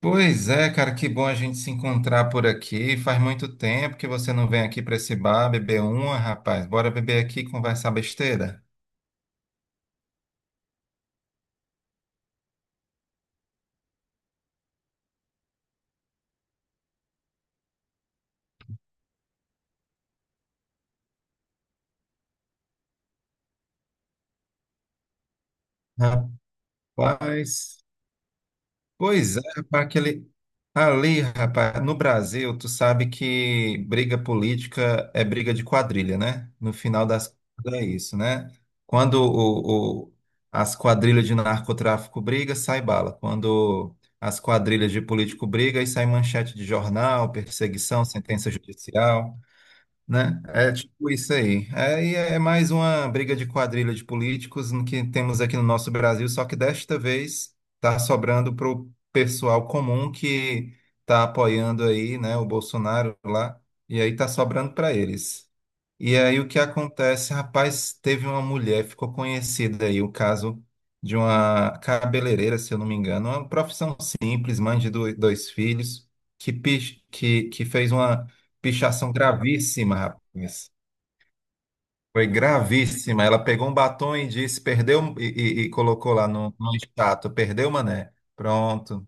Pois é, cara, que bom a gente se encontrar por aqui. Faz muito tempo que você não vem aqui para esse bar beber uma, rapaz. Bora beber aqui e conversar besteira? Rapaz. Pois é, rapaz, aquele ali, rapaz, no Brasil, tu sabe que briga política é briga de quadrilha, né? No final das contas é isso, né? Quando as quadrilhas de narcotráfico briga, sai bala. Quando as quadrilhas de político briga, aí sai manchete de jornal, perseguição, sentença judicial. Né? É tipo isso aí. É, e é mais uma briga de quadrilha de políticos no que temos aqui no nosso Brasil, só que desta vez está sobrando para o pessoal comum que está apoiando aí, né, o Bolsonaro lá, e aí está sobrando para eles. E aí o que acontece? Rapaz, teve uma mulher, ficou conhecida aí o caso de uma cabeleireira, se eu não me engano, uma profissão simples, mãe de dois filhos, que fez uma pichação gravíssima, rapaz. Foi gravíssima. Ela pegou um batom e disse, perdeu, e colocou lá no status, perdeu, mané. Pronto.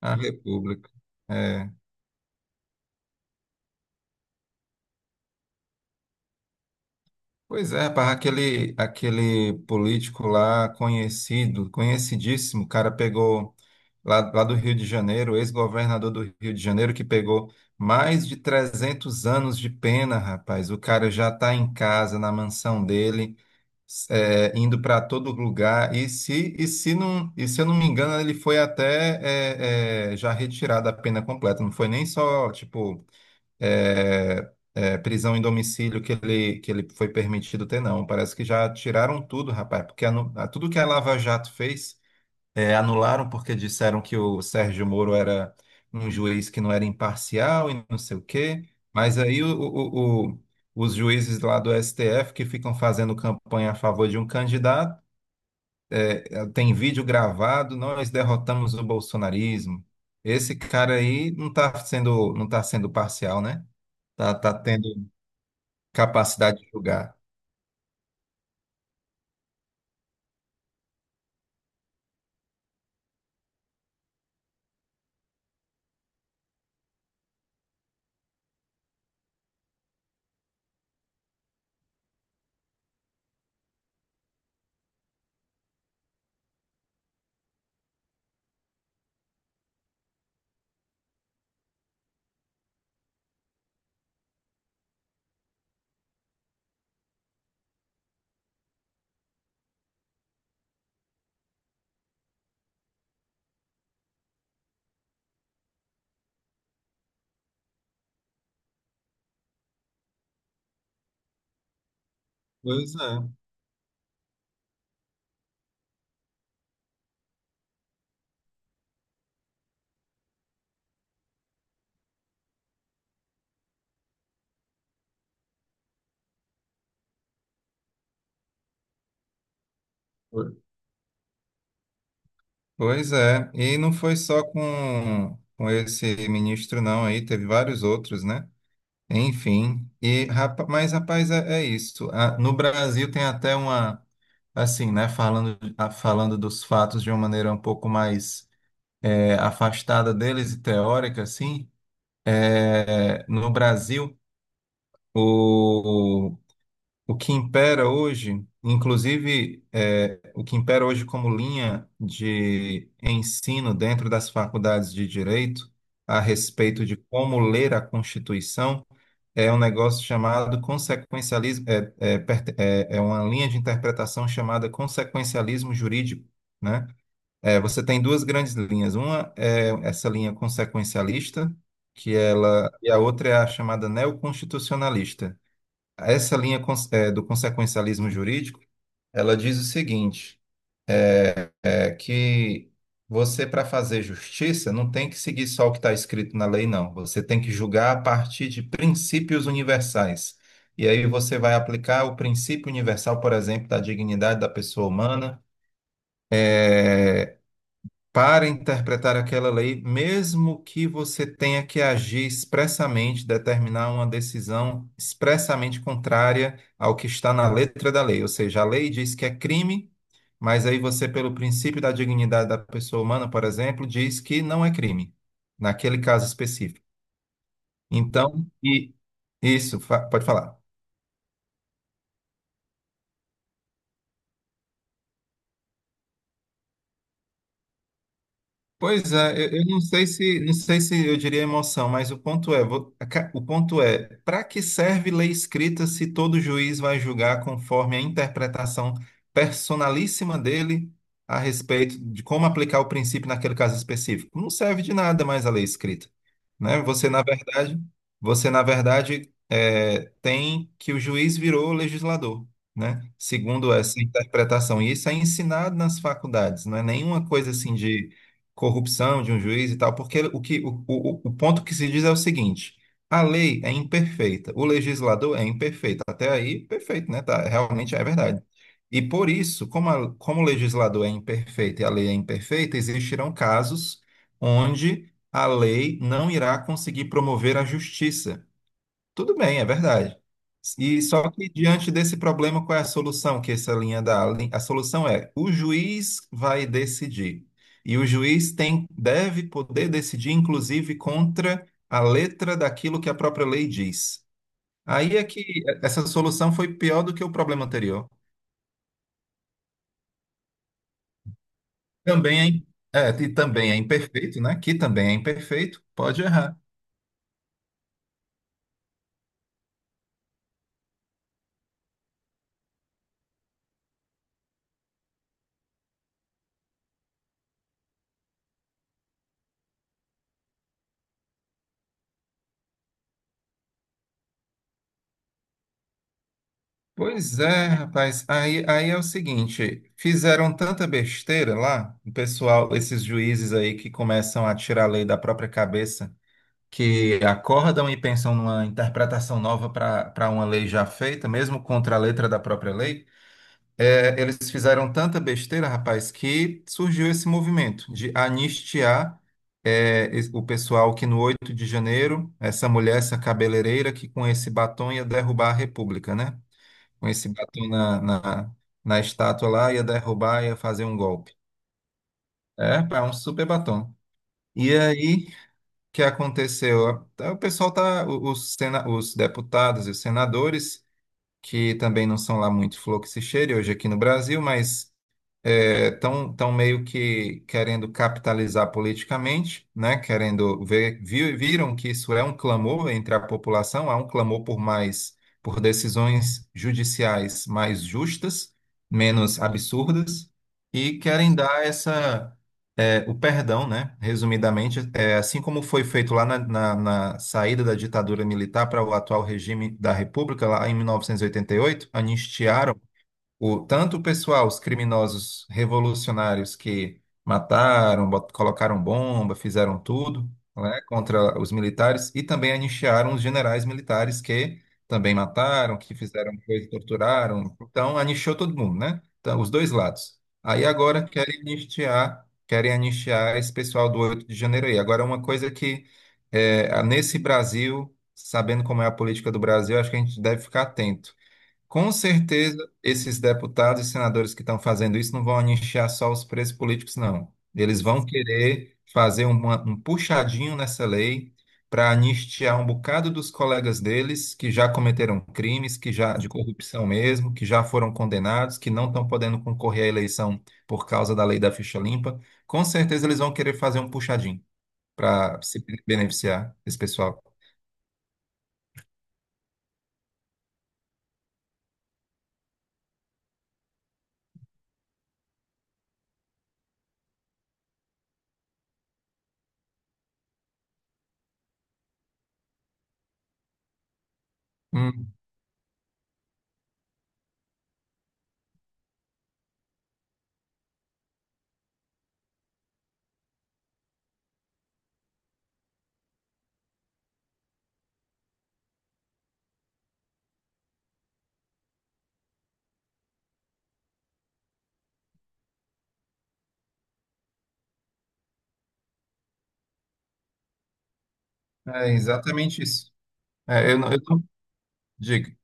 A República. É. Pois é, rapaz, aquele político lá conhecido, conhecidíssimo, o cara pegou lá do Rio de Janeiro, ex-governador do Rio de Janeiro, que pegou mais de 300 anos de pena, rapaz. O cara já está em casa, na mansão dele, indo para todo lugar. E se, e se eu não me engano, ele foi até já retirado a pena completa, não foi nem só, tipo prisão em domicílio que ele foi permitido ter, não. Parece que já tiraram tudo, rapaz, porque tudo que a Lava Jato fez, anularam porque disseram que o Sérgio Moro era um juiz que não era imparcial e não sei o quê. Mas aí os juízes lá do STF que ficam fazendo campanha a favor de um candidato, tem vídeo gravado, nós derrotamos o bolsonarismo. Esse cara aí não está sendo, não tá sendo parcial, né? Tá tendo capacidade de julgar. Pois é. Pois- Pois é, e não foi só com esse ministro, não, aí teve vários outros, né? Enfim, mas rapaz, é isso. Ah, no Brasil tem até uma, assim, né, falando dos fatos de uma maneira um pouco mais afastada deles e teórica, assim, no Brasil. O que impera hoje, inclusive, o que impera hoje como linha de ensino dentro das faculdades de direito a respeito de como ler a Constituição é um negócio chamado consequencialismo, é uma linha de interpretação chamada consequencialismo jurídico, né? Você tem duas grandes linhas. Uma é essa linha consequencialista, e a outra é a chamada neoconstitucionalista, essa linha do consequencialismo jurídico, ela diz o seguinte, é que você, para fazer justiça, não tem que seguir só o que está escrito na lei, não. Você tem que julgar a partir de princípios universais. E aí você vai aplicar o princípio universal, por exemplo, da dignidade da pessoa humana, para interpretar aquela lei, mesmo que você tenha que agir expressamente, determinar uma decisão expressamente contrária ao que está na letra da lei. Ou seja, a lei diz que é crime, mas aí você, pelo princípio da dignidade da pessoa humana, por exemplo, diz que não é crime, naquele caso específico. Então, pode falar. Pois é, eu não sei se eu diria emoção, mas o ponto é, para que serve lei escrita se todo juiz vai julgar conforme a interpretação personalíssima dele a respeito de como aplicar o princípio naquele caso específico? Não serve de nada mais a lei escrita, né? Você, na verdade, tem que o juiz virou legislador. Né? Segundo essa interpretação, e isso é ensinado nas faculdades, não é nenhuma coisa assim corrupção de um juiz e tal, porque o ponto que se diz é o seguinte: a lei é imperfeita, o legislador é imperfeito. Até aí, perfeito, né? Tá, realmente é verdade. E por isso, como o legislador é imperfeito e a lei é imperfeita, existirão casos onde a lei não irá conseguir promover a justiça. Tudo bem, é verdade. E só que diante desse problema, qual é a solução que essa linha dá? A solução é o juiz vai decidir. E o juiz tem, deve poder decidir, inclusive, contra a letra daquilo que a própria lei diz. Aí é que essa solução foi pior do que o problema anterior. Também é, im- também é imperfeito, né? Que também é imperfeito, pode errar. Pois é, rapaz. Aí é o seguinte, fizeram tanta besteira lá, o pessoal, esses juízes aí que começam a tirar a lei da própria cabeça, que acordam e pensam numa interpretação nova para uma lei já feita, mesmo contra a letra da própria lei. É, eles fizeram tanta besteira, rapaz, que surgiu esse movimento de anistiar o pessoal que no 8 de janeiro, essa mulher, essa cabeleireira que com esse batom ia derrubar a República, né? Com esse batom na estátua lá, ia derrubar, ia fazer um golpe. Pá, um super batom. E aí, o que aconteceu? O pessoal tá, os, sena, os deputados e os senadores que também não são lá muito flor que se cheire hoje aqui no Brasil, mas tão meio que querendo capitalizar politicamente, né? Viram que isso é um clamor entre a população, há um clamor por mais, por decisões judiciais mais justas, menos absurdas, e querem dar o perdão, né? Resumidamente, assim como foi feito lá na, na saída da ditadura militar para o atual regime da República, lá em 1988, anistiaram tanto o pessoal, os criminosos revolucionários que mataram, colocaram bomba, fizeram tudo, né, contra os militares, e também anistiaram os generais militares que também mataram, que fizeram coisa, torturaram. Então, anistiou todo mundo, né? Então, os dois lados. Aí agora querem anistiar esse pessoal do 8 de janeiro aí. Agora, uma coisa que nesse Brasil, sabendo como é a política do Brasil, acho que a gente deve ficar atento, com certeza, esses deputados e senadores que estão fazendo isso não vão anistiar só os presos políticos, não. Eles vão querer fazer um puxadinho nessa lei para anistiar um bocado dos colegas deles que já cometeram crimes, que já de corrupção mesmo, que já foram condenados, que não estão podendo concorrer à eleição por causa da lei da ficha limpa. Com certeza, eles vão querer fazer um puxadinho para se beneficiar desse pessoal. Hum, é exatamente isso. Eu não digo.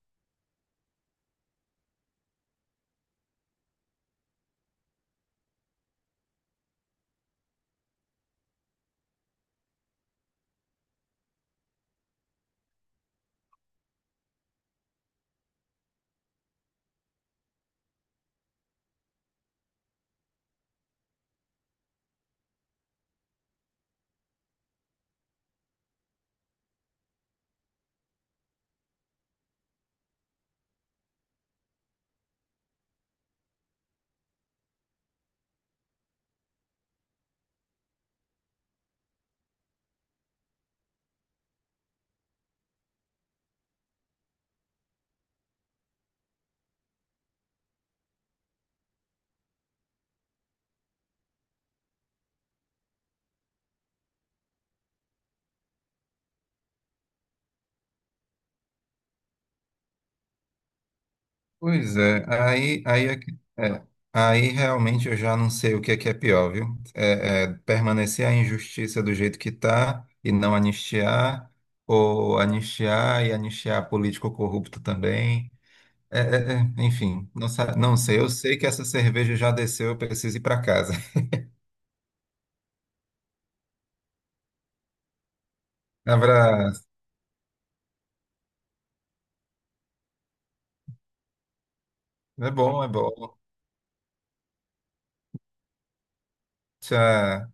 Pois é, aí realmente eu já não sei o que é pior, viu? É permanecer a injustiça do jeito que está e não anistiar, ou anistiar e anistiar político corrupto também. Enfim, não sei. Eu sei que essa cerveja já desceu, eu preciso ir para casa. Abraço. É bom, é bom. Tchau.